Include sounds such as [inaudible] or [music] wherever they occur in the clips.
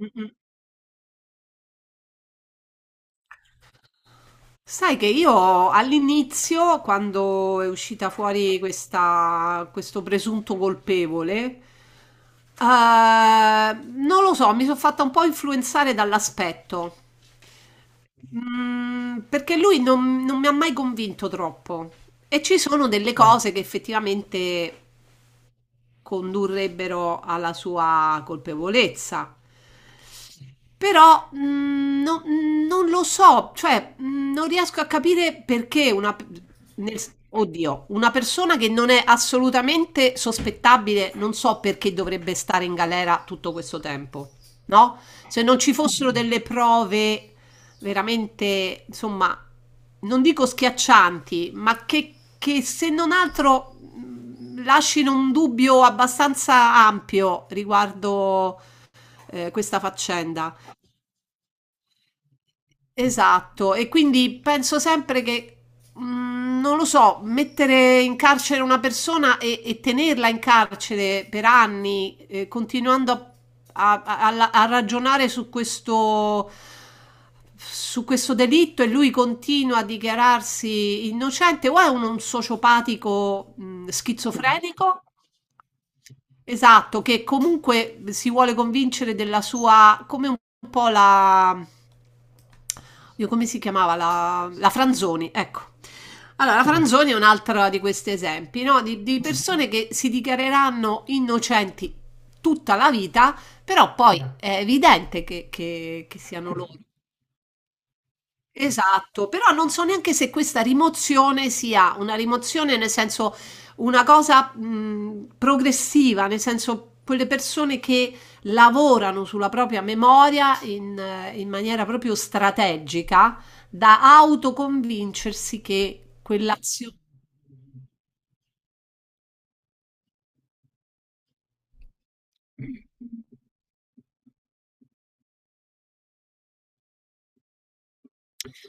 Mm-mm. Sai che io all'inizio, quando è uscita fuori questo presunto colpevole, non lo so, mi sono fatta un po' influenzare dall'aspetto. Perché lui non mi ha mai convinto troppo. E ci sono delle cose che effettivamente condurrebbero alla sua colpevolezza. Però non lo so, cioè non riesco a capire perché nel- oddio, una persona che non è assolutamente sospettabile, non so perché dovrebbe stare in galera tutto questo tempo, no? Se non ci fossero delle prove veramente, insomma, non dico schiaccianti, ma che se non altro lasciano un dubbio abbastanza ampio riguardo questa faccenda. Esatto, e quindi penso sempre che, non lo so, mettere in carcere una persona e tenerla in carcere per anni, continuando a ragionare su questo delitto e lui continua a dichiararsi innocente, o è un sociopatico, schizofrenico? Esatto, che comunque si vuole convincere della sua, come un po' la, Dio, come si chiamava? La Franzoni, ecco. Allora, la Franzoni è un altro di questi esempi, no? Di persone che si dichiareranno innocenti tutta la vita, però poi è evidente che siano loro. Esatto, però non so neanche se questa rimozione sia una rimozione nel senso una cosa progressiva, nel senso quelle persone che lavorano sulla propria memoria in maniera proprio strategica da autoconvincersi che quell'azione...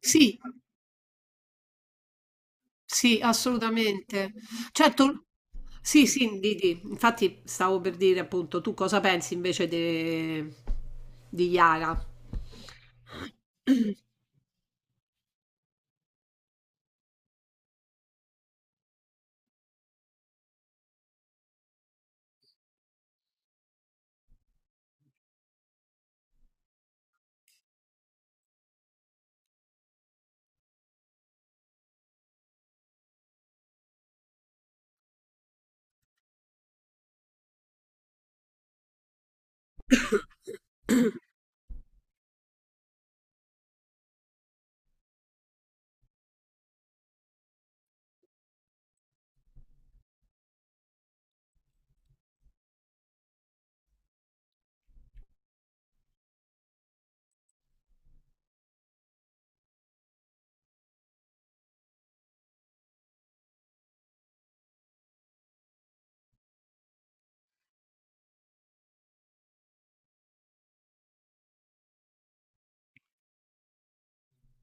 Sì, sì, assolutamente. Certo, sì, sì, di. Infatti stavo per dire appunto, tu cosa pensi invece di Yara?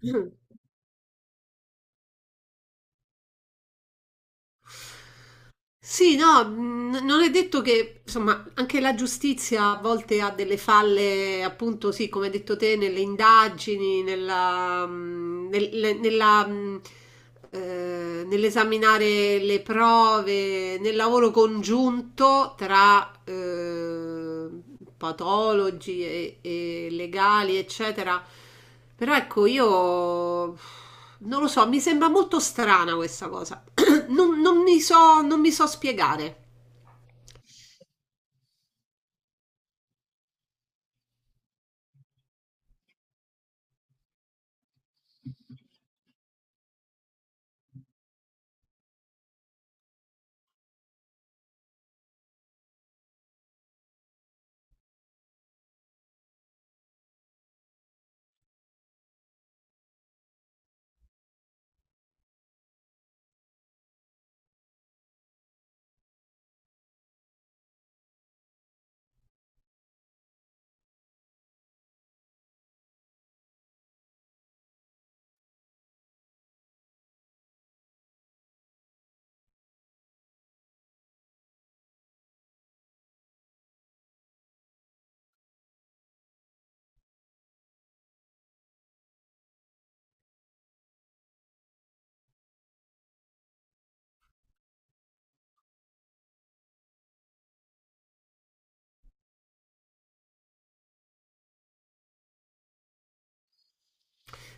Mm. Sì, no, non è detto che, insomma, anche la giustizia a volte ha delle falle, appunto, sì, come hai detto te, nelle indagini, nella, mm, nel- le- nella, mm, nell'esaminare le prove, nel lavoro congiunto tra patologi e legali, eccetera. Però ecco, io non lo so, mi sembra molto strana questa cosa. Non mi so, non mi so spiegare.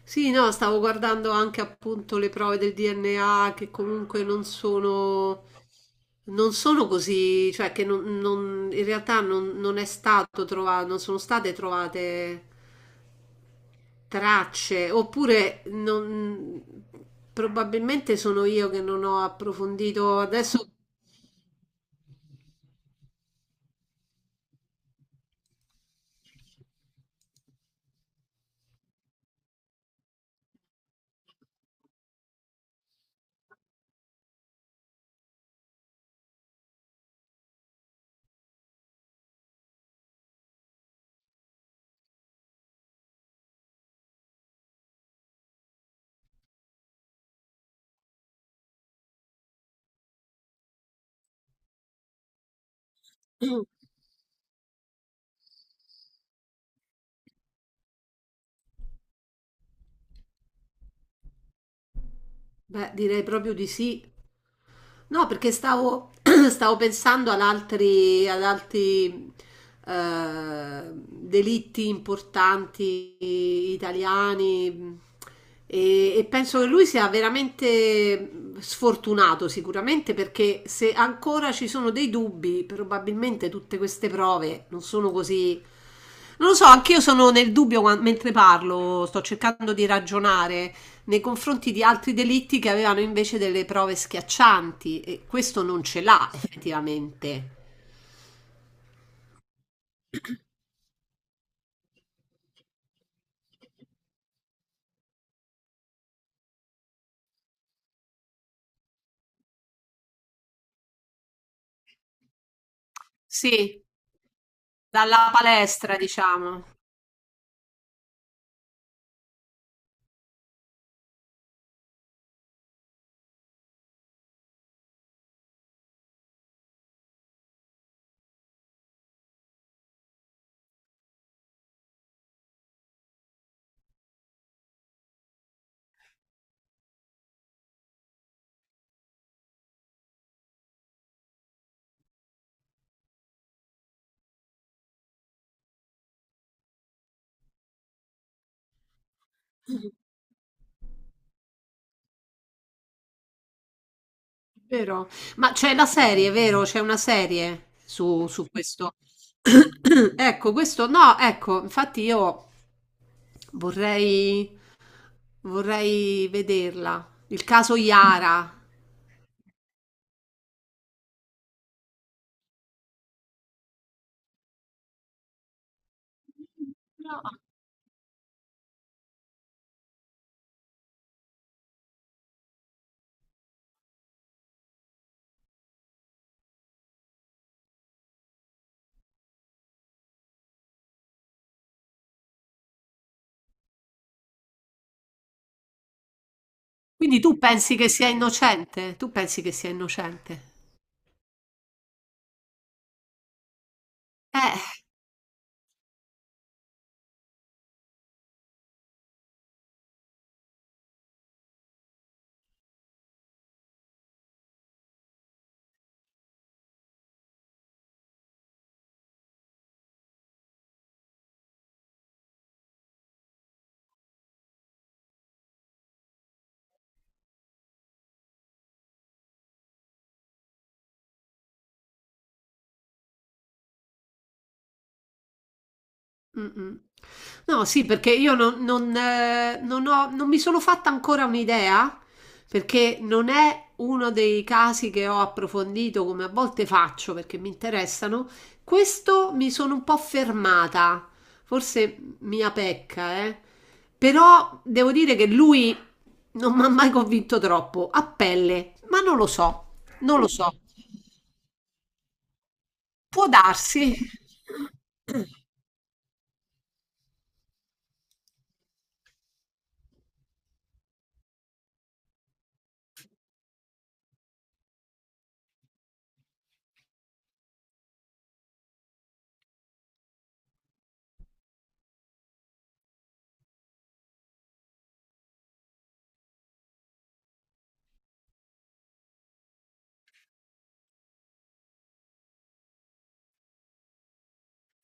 Sì, no, stavo guardando anche appunto le prove del DNA che comunque non sono così, cioè che non, non- in realtà non è stato trovato, non sono state trovate tracce, oppure probabilmente sono io che non ho approfondito. Adesso, beh, direi proprio di sì. No, perché [clears throat] stavo pensando ad altri delitti importanti italiani e penso che lui sia veramente sfortunato sicuramente perché se ancora ci sono dei dubbi, probabilmente tutte queste prove non sono così... Non lo so, anch'io sono nel dubbio mentre parlo, sto cercando di ragionare nei confronti di altri delitti che avevano invece delle prove schiaccianti e questo non ce l'ha effettivamente. Sì, dalla palestra, diciamo. Vero? Ma c'è la serie, vero? C'è una serie su, su questo. [clears throat] Ecco, questo no, ecco, infatti io vorrei, vorrei vederla. Il caso Iara. Quindi tu pensi che sia innocente? Tu pensi che sia innocente? Eh. Mh-mh. No, sì, perché io non mi sono fatta ancora un'idea, perché non è uno dei casi che ho approfondito come a volte faccio perché mi interessano. Questo mi sono un po' fermata, forse mia pecca, eh. Però devo dire che lui non mi ha mai convinto troppo, a pelle, ma non lo so, non lo so. Può darsi.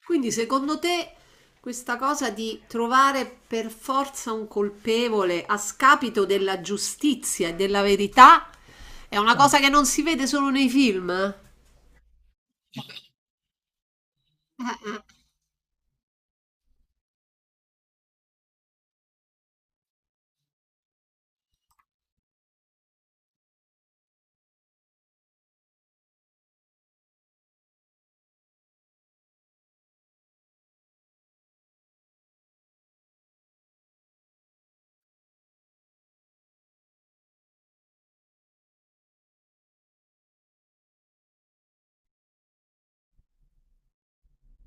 Quindi secondo te questa cosa di trovare per forza un colpevole a scapito della giustizia e della verità è una cosa che non si vede solo nei film?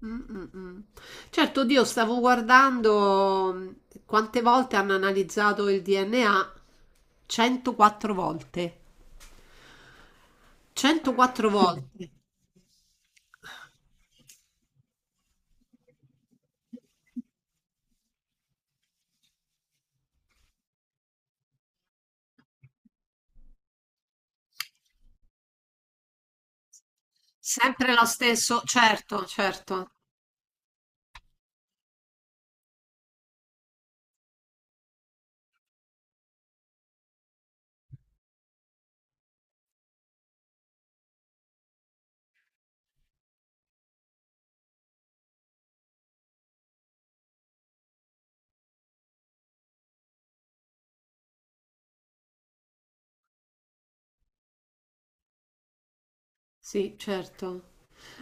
Mm, mm, mm. Certo, Dio, stavo guardando quante volte hanno analizzato il DNA. 104 volte. 104 volte. [laughs] Sempre lo stesso, certo, certo. Sì, certo.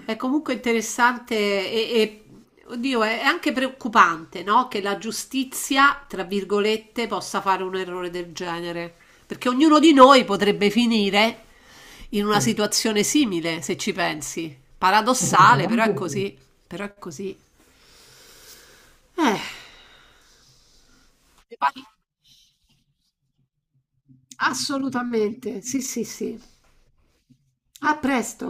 È comunque interessante oddio, è anche preoccupante, no? Che la giustizia, tra virgolette, possa fare un errore del genere, perché ognuno di noi potrebbe finire in una Mm. situazione simile, se ci pensi. Paradossale, però è Assolutamente sì. così, però è così. Eh, ne parli- assolutamente, sì, sì, sì. A presto.